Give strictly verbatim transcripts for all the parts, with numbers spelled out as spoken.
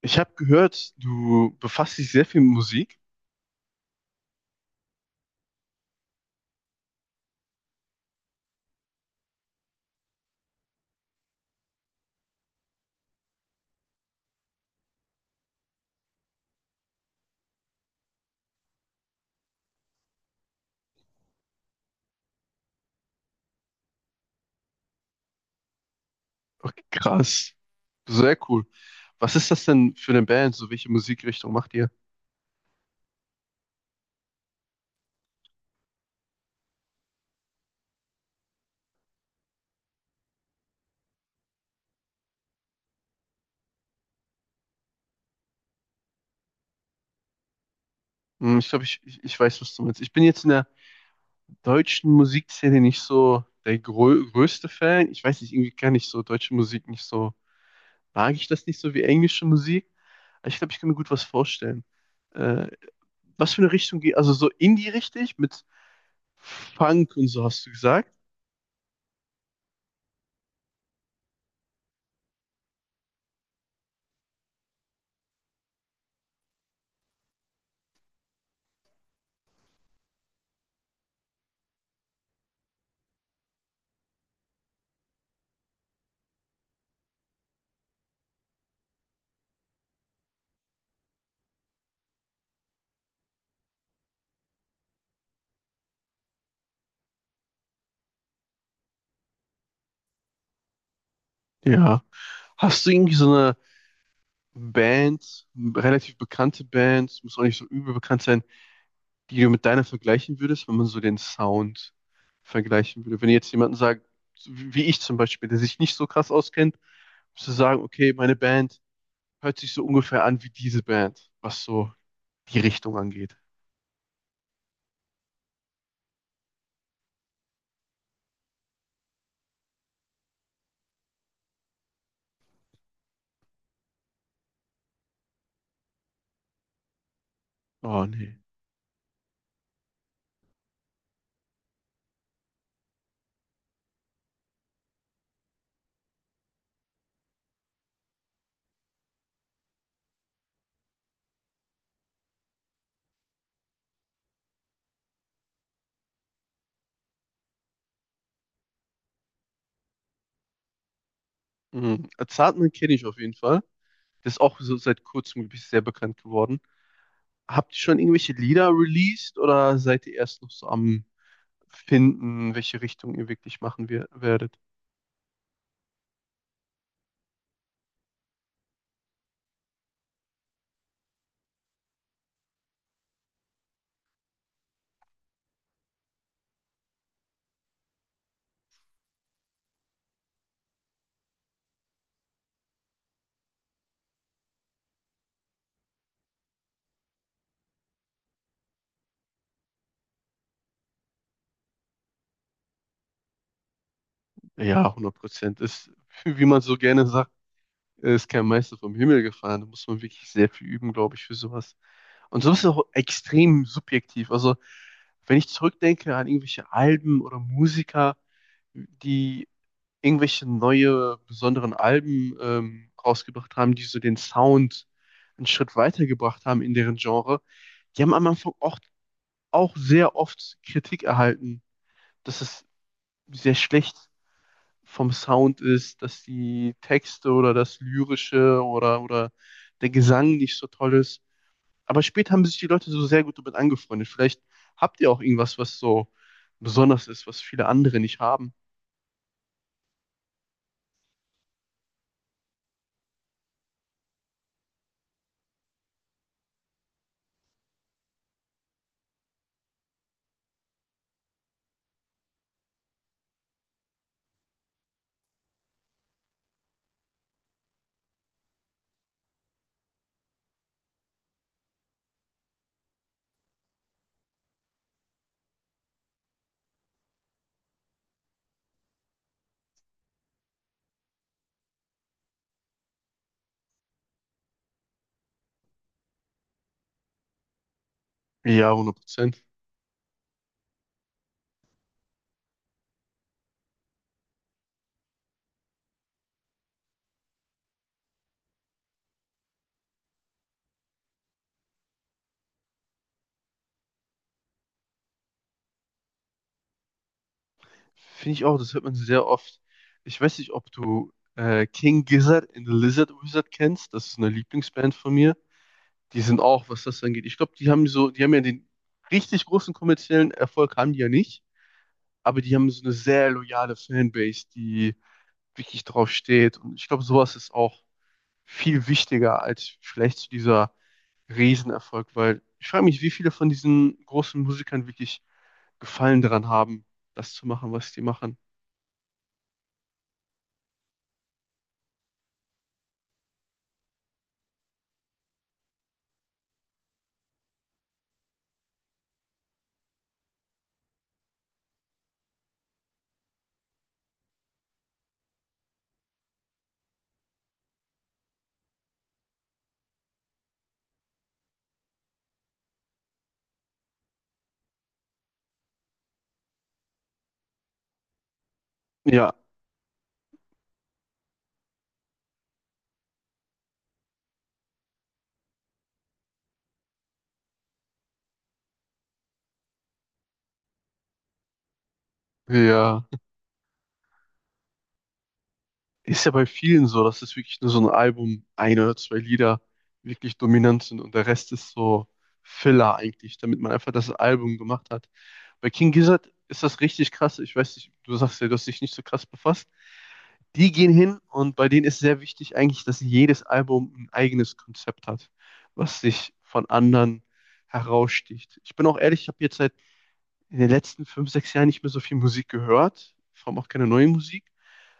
Ich habe gehört, du befasst dich sehr viel mit Musik. Okay, krass. Sehr cool. Was ist das denn für eine Band? So, welche Musikrichtung macht ihr? Hm, ich glaube, ich, ich, ich weiß, was du meinst. Ich bin jetzt in der deutschen Musikszene nicht so der grö größte Fan. Ich weiß nicht, irgendwie kann ich so deutsche Musik nicht so, mag ich das nicht so wie englische Musik. Aber ich glaube, ich kann mir gut was vorstellen. Äh, was für eine Richtung geht, also so Indie richtig mit Funk und so hast du gesagt? Ja. Hast du irgendwie so eine Bands, relativ bekannte Bands, muss auch nicht so übel bekannt sein, die du mit deiner vergleichen würdest, wenn man so den Sound vergleichen würde? Wenn jetzt jemanden sagt, so wie wie ich zum Beispiel, der sich nicht so krass auskennt, musst du sagen, okay, meine Band hört sich so ungefähr an wie diese Band, was so die Richtung angeht. Oh nee. Mhm. Zartman kenne ich auf jeden Fall. Das ist auch so seit kurzem, glaube ich, sehr bekannt geworden. Habt ihr schon irgendwelche Lieder released oder seid ihr erst noch so am finden, welche Richtung ihr wirklich machen wir, werdet. Ja, hundert Prozent. Ist, wie man so gerne sagt, ist kein Meister vom Himmel gefahren. Da muss man wirklich sehr viel üben, glaube ich, für sowas. Und sowas ist auch extrem subjektiv. Also, wenn ich zurückdenke an irgendwelche Alben oder Musiker, die irgendwelche neue, besonderen Alben ähm, rausgebracht haben, die so den Sound einen Schritt weitergebracht haben in deren Genre, die haben am Anfang auch, auch sehr oft Kritik erhalten, dass es sehr schlecht vom Sound ist, dass die Texte oder das Lyrische oder, oder der Gesang nicht so toll ist. Aber später haben sich die Leute so sehr gut damit angefreundet. Vielleicht habt ihr auch irgendwas, was so besonders ist, was viele andere nicht haben. Ja, hundert Prozent. Finde ich auch, das hört man sehr oft. Ich weiß nicht, ob du äh, King Gizzard and the Lizard Wizard kennst. Das ist eine Lieblingsband von mir. Die sind auch, was das angeht. Ich glaube, die haben so, die haben ja den richtig großen kommerziellen Erfolg, haben die ja nicht. Aber die haben so eine sehr loyale Fanbase, die wirklich drauf steht. Und ich glaube, sowas ist auch viel wichtiger als vielleicht dieser Riesenerfolg, weil ich frage mich, wie viele von diesen großen Musikern wirklich Gefallen daran haben, das zu machen, was die machen. Ja, ja. Ist ja bei vielen so, dass es wirklich nur so ein Album, ein oder zwei Lieder wirklich dominant sind und der Rest ist so Filler eigentlich, damit man einfach das Album gemacht hat. Bei King Gizzard ist das richtig krass. Ich weiß nicht, du sagst ja, du hast dich nicht so krass befasst. Die gehen hin und bei denen ist sehr wichtig eigentlich, dass jedes Album ein eigenes Konzept hat, was sich von anderen heraussticht. Ich bin auch ehrlich, ich habe jetzt seit in den letzten fünf, sechs Jahren nicht mehr so viel Musik gehört, vor allem auch keine neue Musik.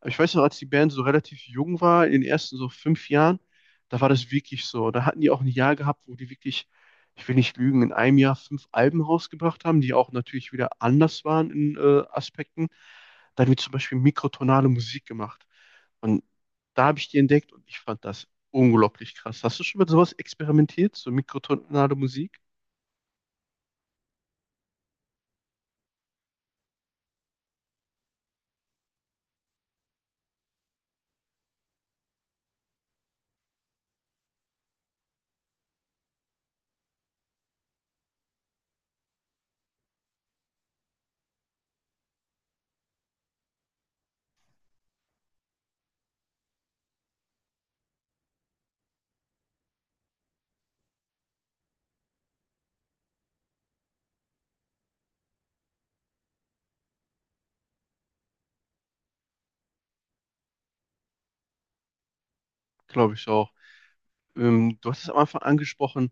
Aber ich weiß noch, als die Band so relativ jung war, in den ersten so fünf Jahren, da war das wirklich so. Da hatten die auch ein Jahr gehabt, wo die wirklich, ich will nicht lügen, in einem Jahr fünf Alben rausgebracht haben, die auch natürlich wieder anders waren in äh, Aspekten. Da haben wir zum Beispiel mikrotonale Musik gemacht. Und da habe ich die entdeckt und ich fand das unglaublich krass. Hast du schon mal sowas experimentiert, so mikrotonale Musik? Glaube ich auch. Ähm, du hast es am Anfang angesprochen,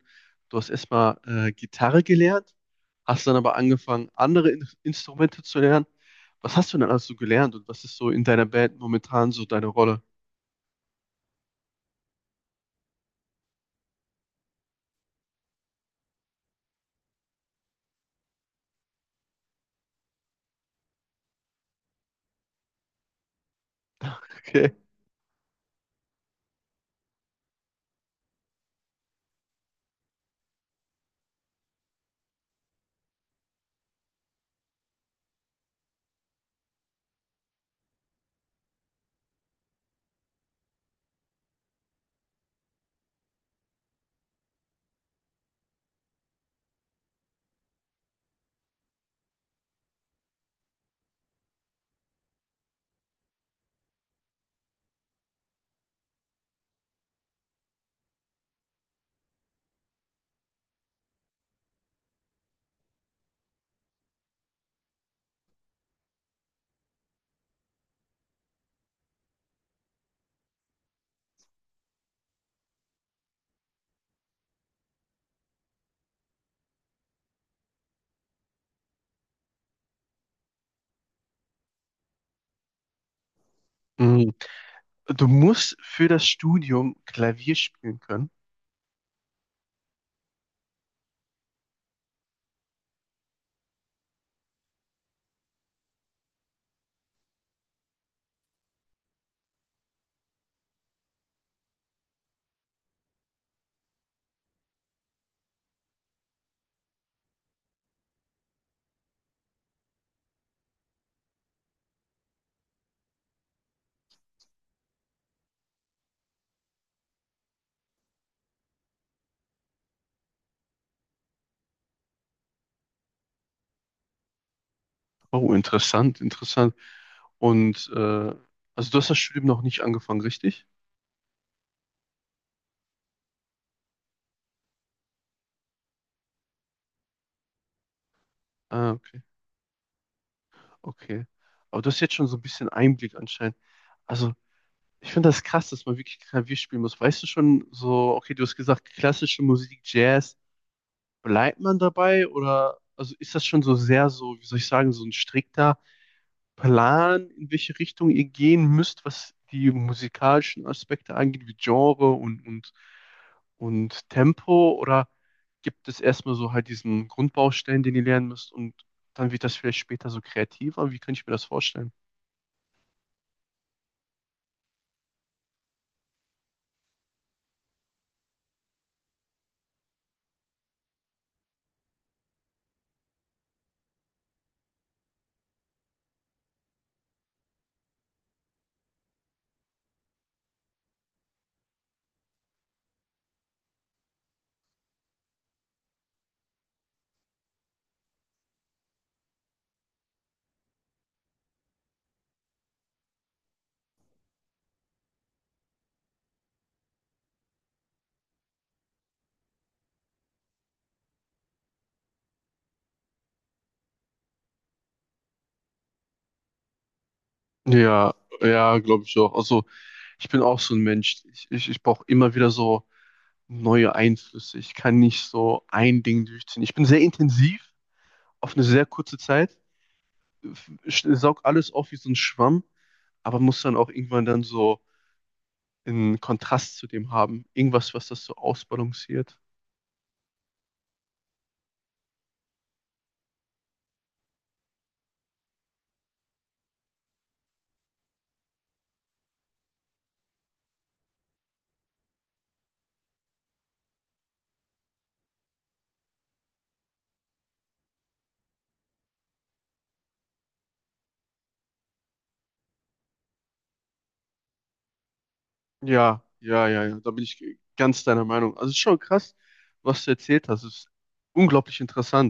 du hast erstmal äh, Gitarre gelernt, hast dann aber angefangen, andere In Instrumente zu lernen. Was hast du denn alles so gelernt und was ist so in deiner Band momentan so deine Rolle? Okay. Mhm. Du musst für das Studium Klavier spielen können. Oh, interessant, interessant. Und äh, also du hast das Studium noch nicht angefangen, richtig? Ah, okay, okay. Aber du hast jetzt schon so ein bisschen Einblick anscheinend. Also ich finde das krass, dass man wirklich Klavier spielen muss. Weißt du schon so, okay, du hast gesagt, klassische Musik, Jazz, bleibt man dabei, oder also ist das schon so sehr so, wie soll ich sagen, so ein strikter Plan, in welche Richtung ihr gehen müsst, was die musikalischen Aspekte angeht, wie Genre und, und, und Tempo, oder gibt es erstmal so halt diesen Grundbaustein, den ihr lernen müsst und dann wird das vielleicht später so kreativer? Wie kann ich mir das vorstellen? Ja, ja, glaube ich auch. Also, ich bin auch so ein Mensch. Ich, ich, ich brauche immer wieder so neue Einflüsse. Ich kann nicht so ein Ding durchziehen. Ich bin sehr intensiv auf eine sehr kurze Zeit, ich saug alles auf wie so ein Schwamm, aber muss dann auch irgendwann dann so einen Kontrast zu dem haben. Irgendwas, was das so ausbalanciert. Ja, ja, ja, ja. Da bin ich ganz deiner Meinung. Also, es ist schon krass, was du erzählt hast. Es ist unglaublich interessant.